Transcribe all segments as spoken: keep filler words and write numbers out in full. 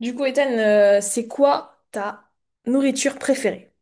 Du coup, Ethan, euh, c'est quoi ta nourriture préférée?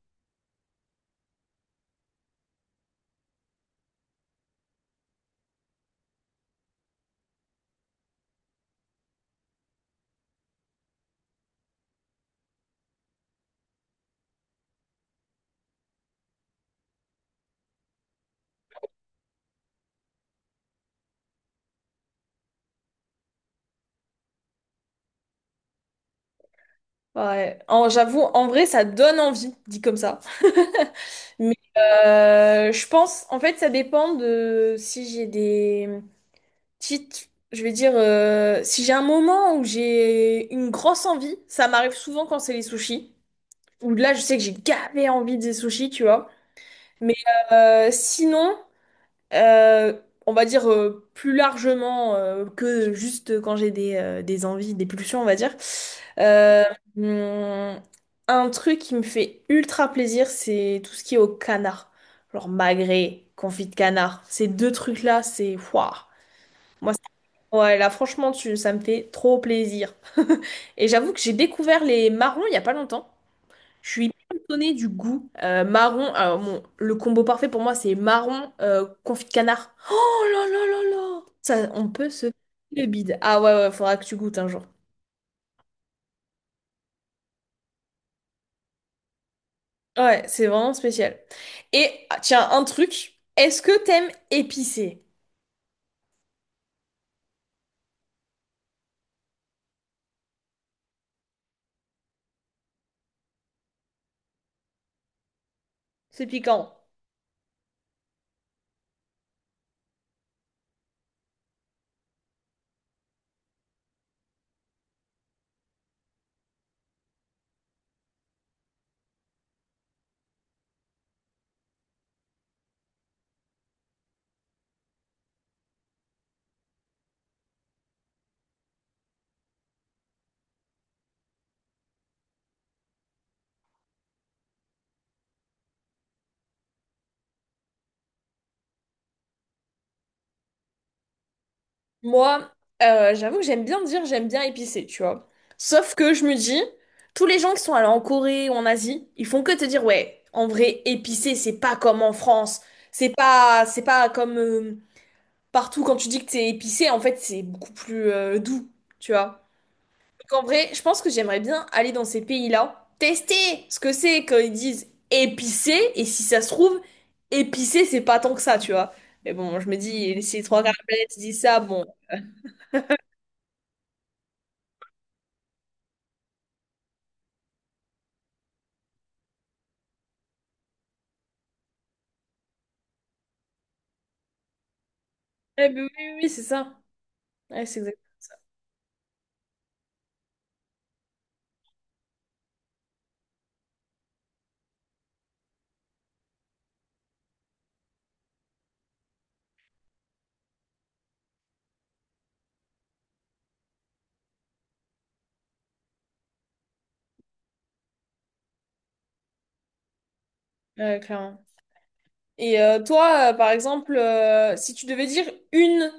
Ouais, en- j'avoue, en vrai, ça donne envie, dit comme ça. Mais euh, je pense, en fait, ça dépend de si j'ai des petites, je vais dire, euh, si j'ai un moment où j'ai une grosse envie, ça m'arrive souvent quand c'est les sushis, où là, je sais que j'ai gavé envie des sushis, tu vois. Mais euh, sinon. Euh, on va dire euh, plus largement euh, que juste quand j'ai des, euh, des envies, des pulsions, on va dire. Euh, hum, un truc qui me fait ultra plaisir, c'est tout ce qui est au canard. Genre magret, confit de canard. Ces deux trucs-là, c'est... Waouh. Moi, c'est- ouais, là, franchement, tu, ça me fait trop plaisir. Et j'avoue que j'ai découvert les marrons il n'y a pas longtemps. Je suis hyper étonnée du goût euh, marron. Alors, bon, le combo parfait pour moi, c'est marron euh, confit de canard. Oh là là là là! Ça, on peut se faire le bide. Ah ouais, ouais, faudra que tu goûtes un jour. Ouais, c'est vraiment spécial. Et ah, tiens, un truc. Est-ce que t'aimes épicé? C'est piquant. Moi, euh, j'avoue que j'aime bien dire j'aime bien épicé, tu vois. Sauf que je me dis, tous les gens qui sont allés en Corée ou en Asie, ils font que te dire, ouais, en vrai, épicé, c'est pas comme en France. C'est pas, c'est pas comme euh, partout quand tu dis que t'es épicé, en fait, c'est beaucoup plus euh, doux, tu vois. Donc en vrai, je pense que j'aimerais bien aller dans ces pays-là, tester ce que c'est quand ils disent épicé, et si ça se trouve, épicé, c'est pas tant que ça, tu vois. Mais bon, je me dis, si les trois quarts de la planète disent ça, bon. Eh ben oui, oui, oui, c'est ça. Ouais, c'est exact. Ouais, clairement. Et euh, toi, euh, par exemple, euh, si tu devais dire une,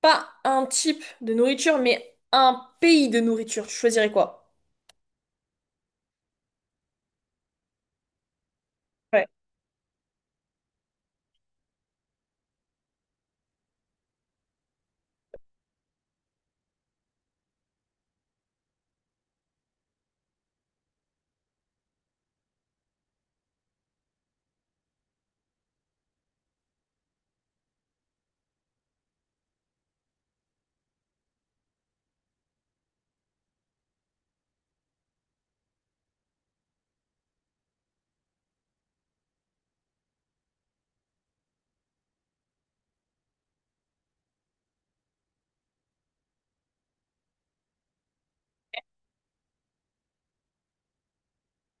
pas un type de nourriture, mais un pays de nourriture, tu choisirais quoi? Ouais.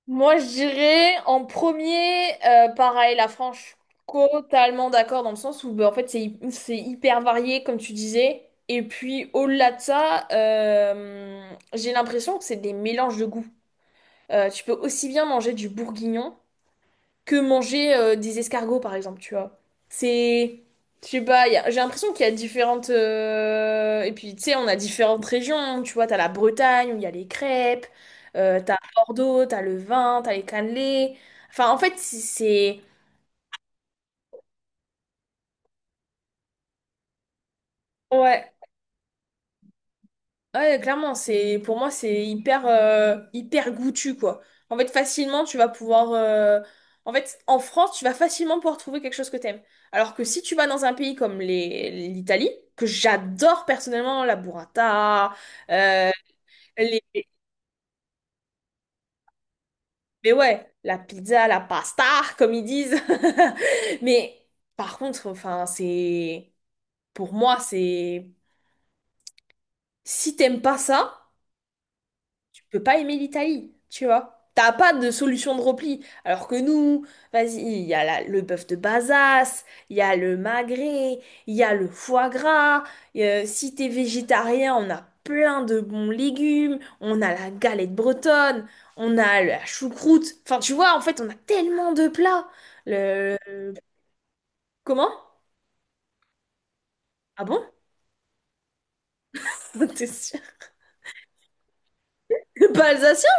Moi, je dirais en premier, euh, pareil, la France. Je suis totalement d'accord dans le sens où, bah, en fait, c'est hy- c'est hyper varié, comme tu disais. Et puis, au-delà de ça, euh, j'ai l'impression que c'est des mélanges de goûts. Euh, tu peux aussi bien manger du bourguignon. Que manger euh, des escargots, par exemple, tu vois. C'est... Je sais pas, y a- j'ai l'impression qu'il y a différentes... euh, Et puis, tu sais, on a différentes régions, hein, tu vois, t'as la Bretagne, où il y a les crêpes, euh, t'as Bordeaux, t'as le vin, t'as les cannelés. Enfin, en fait, c'est... Ouais. Ouais, clairement, c'est pour moi c'est hyper euh, hyper goûtu quoi. En fait, facilement tu vas pouvoir euh, en fait en France, tu vas facilement pouvoir trouver quelque chose que t'aimes. Alors que si tu vas dans un pays comme les l'Italie, que j'adore personnellement la burrata, euh, les mais ouais, la pizza, la pasta comme ils disent. Mais par contre, enfin, c'est pour moi c'est si t'aimes pas ça tu peux pas aimer l'Italie, tu vois. T'as pas de solution de repli. Alors que nous, vas-y, il y a la- le bœuf de Bazas, il y a le magret, il y a le foie gras. Euh, si t'es végétarien, on a plein de bons légumes. On a la galette bretonne, on a la choucroute. Enfin, tu vois, en fait, on a tellement de plats. Le... Comment? Ah bon? T'es sûr? Pas alsacien?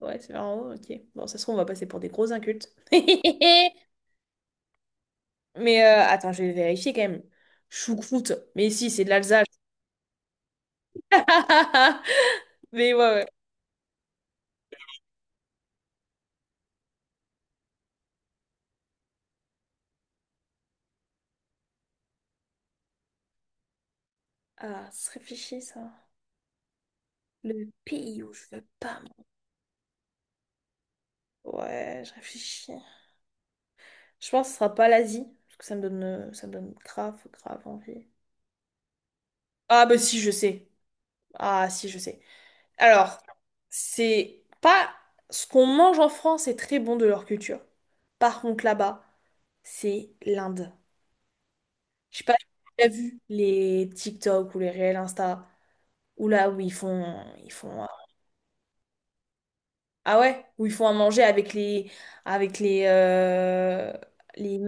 Ouais, c'est vraiment... bon, ok. Bon, ça se trouve, on va passer pour des gros incultes. Mais euh, attends, je vais vérifier quand même. Choucroute. Mais si, c'est de l'Alsace. Mais ouais, ouais. Ah, se réfléchit ça. Le pays où je veux pas. m- Ouais, je réfléchis. Je pense que ce sera pas l'Asie. Parce que ça me donne, euh, ça me donne grave, grave envie. Ah, bah si, je sais. Ah, si, je sais. Alors, c'est pas. Ce qu'on mange en France est très bon de leur culture. Par contre, là-bas, c'est l'Inde. Je sais pas si tu as vu les TikTok ou les réels Insta. Ou là où ils font, ils font, euh, ah ouais, où ils font à manger avec les, avec les, euh, les.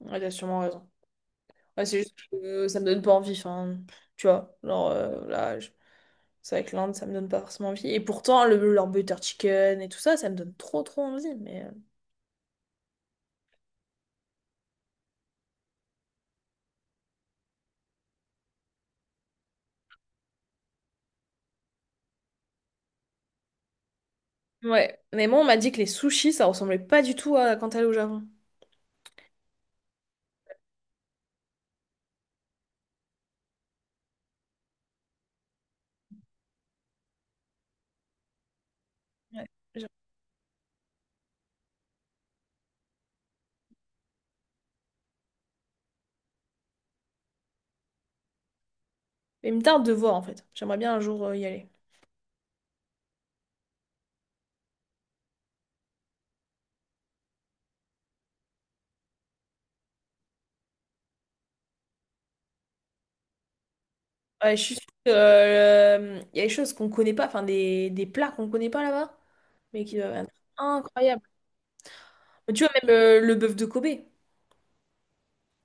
Ouais, t'as sûrement raison. Ouais, c'est juste que ça me donne pas envie. Enfin, tu vois, genre euh, là, je- c'est avec l'Inde, ça me donne pas forcément envie. Et pourtant, le, leur butter chicken et tout ça, ça me donne trop trop envie. Mais euh, ouais, mais moi, on m'a dit que les sushis, ça ressemblait pas du tout à quand t'allais au Japon. Ouais. j'ai- Mais une tarde de voir en fait. J'aimerais bien un jour euh, y aller. Ouais, je suis sûre que, euh, il y a des choses qu'on connaît pas, enfin des, des plats qu'on connaît pas là-bas, mais qui doivent être incroyables. Mais tu vois, même euh, le bœuf de Kobe,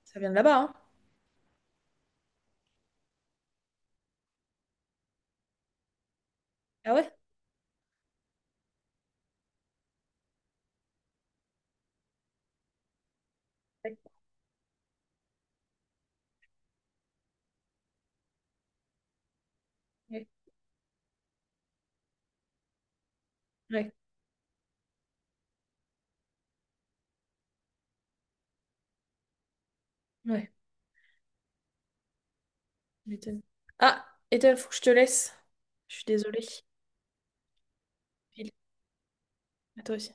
ça vient de là-bas, hein. Ah ouais? Ouais, ouais, ouais. Ouais, je m'étonne. Ah, Ethan, faut que je te laisse. Je suis désolée. File, à toi aussi.